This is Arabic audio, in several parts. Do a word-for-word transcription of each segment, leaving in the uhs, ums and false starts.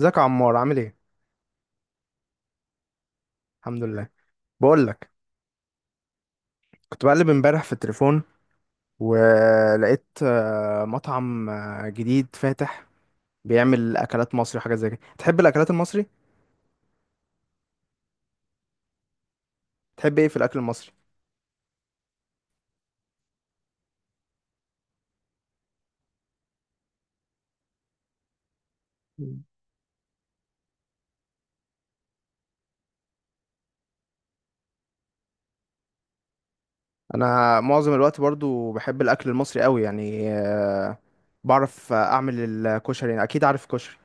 ازيك يا عمار؟ عامل ايه؟ الحمد لله. بقول لك، كنت بقلب امبارح في التليفون، ولقيت آه، مطعم آه، جديد فاتح، بيعمل اكلات مصري وحاجات زي كده. تحب الاكلات المصري؟ تحب ايه في الاكل المصري؟ مم. انا معظم الوقت برضو بحب الاكل المصري قوي يعني آه، بعرف آه، اعمل الكشري، يعني اكيد عارف كشري.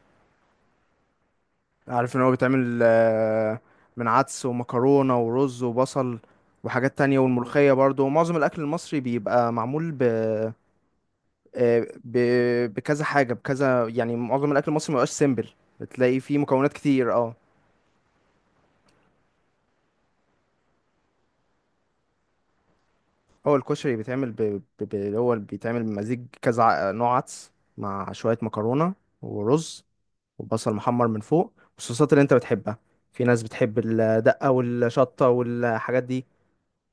عارف ان هو بيتعمل آه، من عدس ومكرونه ورز وبصل، وحاجات تانية والملوخيه. برضو معظم الاكل المصري بيبقى معمول ب آه، ب- بكذا حاجة، بكذا يعني معظم الأكل المصري مبقاش سيمبل. بتلاقي فيه مكونات كتير، اه. هو الكشري بيتعمل ب... ب... ب... اللي هو بيتعمل بمزيج كذا ع- نوع عدس، مع شوية مكرونة ورز، وبصل محمر من فوق، والصوصات اللي انت بتحبها. في ناس بتحب الدقة والشطة والحاجات دي.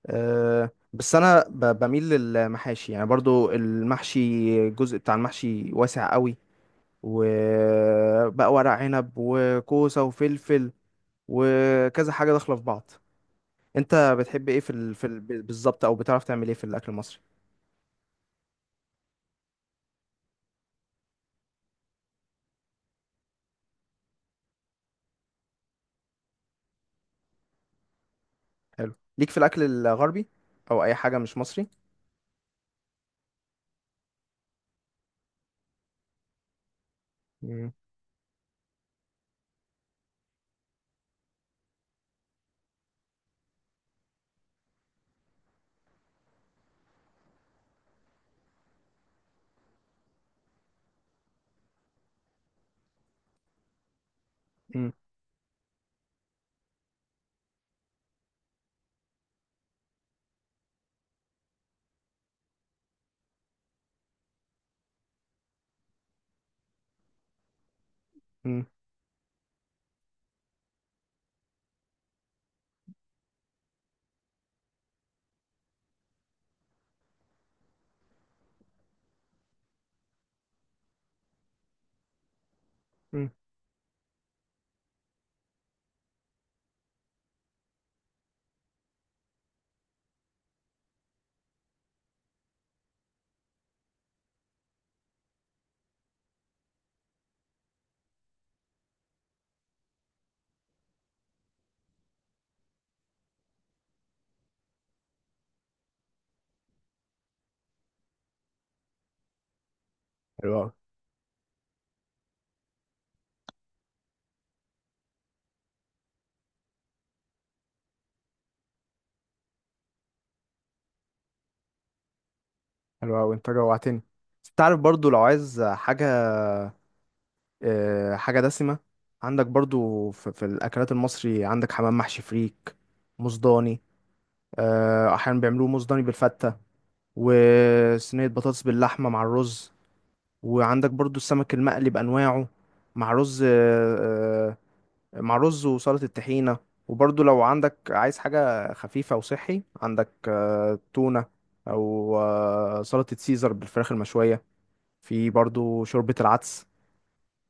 أه، بس انا ب... بميل للمحاشي، يعني برضو المحشي، الجزء بتاع المحشي واسع قوي. وبقى ورق عنب وكوسة وفلفل، وكذا حاجة داخلة في بعض. انت بتحب ايه في ال... في ال... بالظبط، او بتعرف تعمل ايه في الاكل المصري؟ حلو. ليك في الاكل الغربي او اي حاجة مش مصري؟ مم. مم. مم. مم. حلو قوي. حلو قوي، انت جوعتني. تعرف برضو لو عايز حاجة، آه، حاجة دسمة، عندك برضو في, في الأكلات المصري عندك حمام محشي فريك مصداني. آه، أحيانا بيعملوه مصداني بالفتة، وصينية بطاطس باللحمة مع الرز. وعندك برضو السمك المقلي بأنواعه، مع رز. آه، آه، مع رز وسلطة الطحينة. وبرضو لو عندك عايز حاجة خفيفة وصحي، عندك آه، تونة، أو آه، سلطة سيزر بالفراخ المشوية. في برضو شوربة العدس،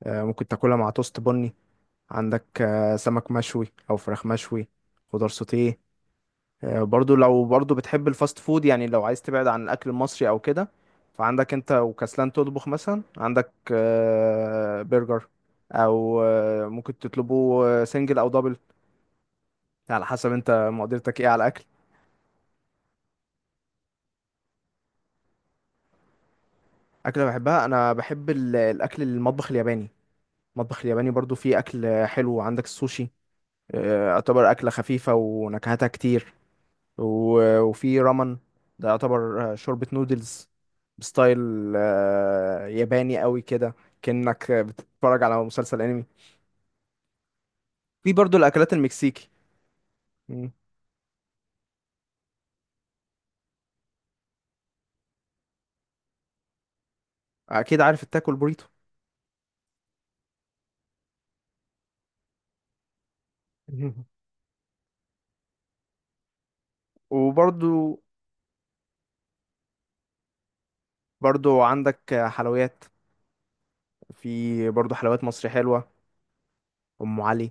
آه، ممكن تاكلها مع توست بني. عندك آه، سمك مشوي أو فراخ مشوي، خضار سوتيه. آه، برضو لو برضو بتحب الفاست فود، يعني لو عايز تبعد عن الاكل المصري او كده، فعندك انت وكسلان تطبخ مثلا. عندك آه، برجر، او آه، ممكن تطلبه آه، سنجل او دبل، على حسب انت مقدرتك ايه على الاكل. اكله بحبها، انا بحب ال- الاكل المطبخ الياباني. المطبخ الياباني برضو فيه اكل حلو، عندك السوشي، آه، يعتبر اكله خفيفه ونكهتها كتير. و- وفي رامن، ده يعتبر آه، شوربة نودلز بستايل آه، ياباني قوي كده، كأنك بتتفرج على مسلسل انمي. في برضو الاكلات المكسيكي. مم. اكيد عارف التاكو البوريتو. وبرضو برضو عندك آه، حلويات. في برضو حلويات مصري حلوة، ام علي.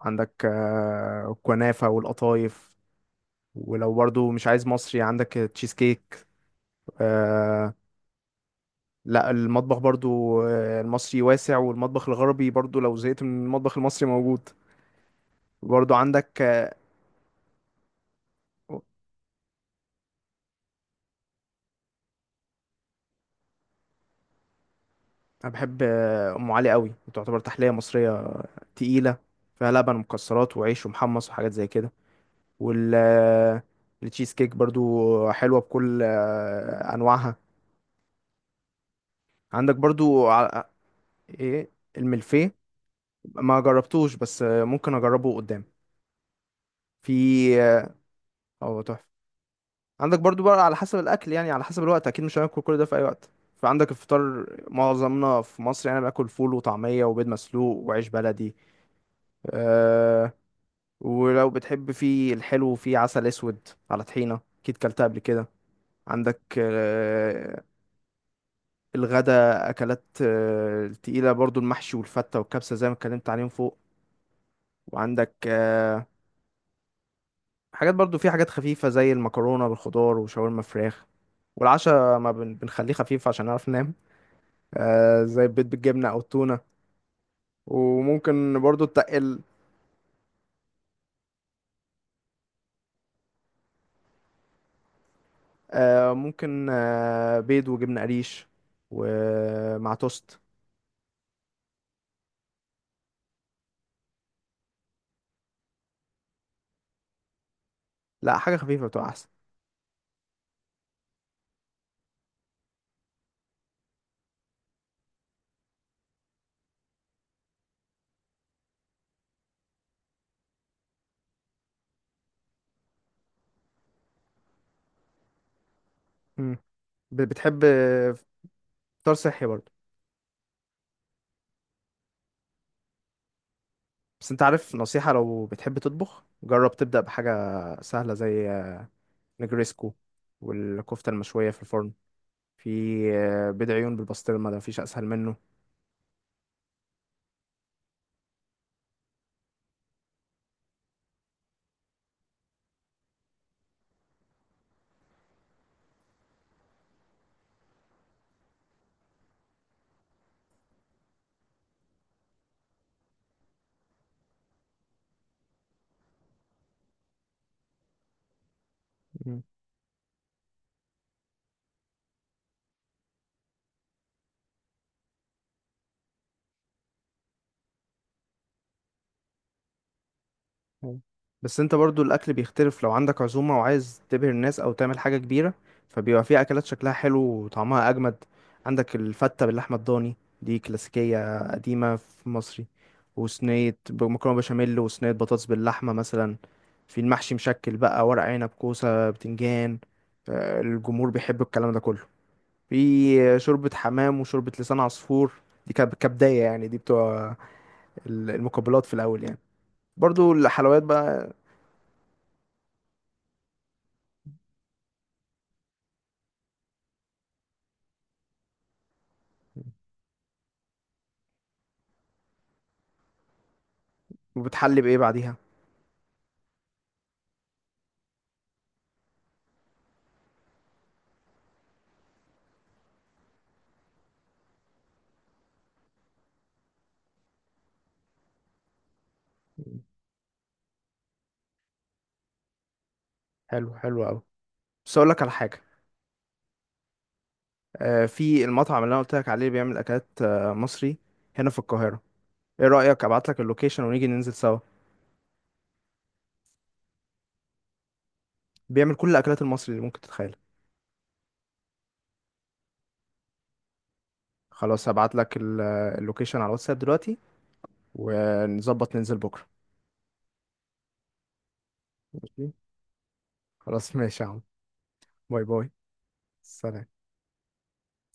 عندك آه، الكنافة والقطايف. ولو برضو مش عايز مصري، عندك تشيز كيك، آه، لا. المطبخ برضو آه، المصري واسع، والمطبخ الغربي برضو لو زهقت من المطبخ المصري موجود. برضو عندك آه، انا بحب آه، ام علي قوي، تعتبر تحليه مصريه تقيله، فيها لبن ومكسرات وعيش ومحمص وحاجات زي كده. وال آه، التشيز كيك برضو حلوه بكل آه، انواعها. عندك برضو ع- ايه الملفيه؟ ما جربتوش، بس آه، ممكن اجربه قدام. في، اه، أو تحفة. عندك برضو بقى على حسب الاكل، يعني على حسب الوقت، اكيد مش هناكل كل ده في اي وقت. فعندك الفطار، معظمنا في مصر يعني باكل فول وطعميه وبيض مسلوق وعيش بلدي، أه. ولو بتحب في الحلو، في عسل اسود على طحينه، اكيد كلتها قبل كده. عندك أه الغدا، اكلات أه تقيله، برضو المحشي والفته والكبسه زي ما اتكلمت عليهم فوق. وعندك أه حاجات برضو، في حاجات خفيفه زي المكرونه بالخضار وشاورما فراخ. والعشاء، ما بن- بنخليه خفيف عشان نعرف ننام، آه، زي البيض بالجبنة أو التونة. وممكن برضو تقل، آه، ممكن آه، بيض وجبنة قريش ومع توست. لا، حاجة خفيفة بتبقى أحسن. مم. ب- بتحب فطار صحي برضو. بس أنت عارف، نصيحة لو بتحب تطبخ، جرب تبدأ بحاجة سهلة، زي نجريسكو، والكفتة المشوية في الفرن، في آه، بيض عيون بالبسطرمة، ده مفيش أسهل منه. أيوة. بس انت برضو الاكل بيختلف لو عندك عزومة وعايز تبهر الناس او تعمل حاجة كبيرة، فبيبقى في اكلات شكلها حلو وطعمها اجمد. عندك الفتة باللحمة الضاني، دي كلاسيكية قديمة في مصري. وصينية ب- مكرونة بشاميل، وصينية بطاطس باللحمة مثلا. في المحشي مشكل بقى، ورق عنب كوسة بتنجان، آه، الجمهور بيحب الكلام ده كله. في شوربة حمام وشوربة لسان عصفور، دي كب- كبداية يعني، دي بتوع ال- المقبلات في الأول يعني. برضو الحلويات بقى. وبتحلي بايه بعديها؟ حلو، حلو قوي. بس اقول لك على حاجه، آه، في المطعم اللي انا قلت لك عليه، اللي بيعمل اكلات آه، مصري هنا في القاهره، ايه رايك ابعت لك اللوكيشن ونيجي ننزل سوا؟ بيعمل كل الاكلات المصري اللي ممكن تتخيلها. خلاص، هبعت لك ال- آه، اللوكيشن على الواتساب دلوقتي، ونظبط ننزل بكره. ماشي، خلاص ماشي يا عم. باي باي. سلام.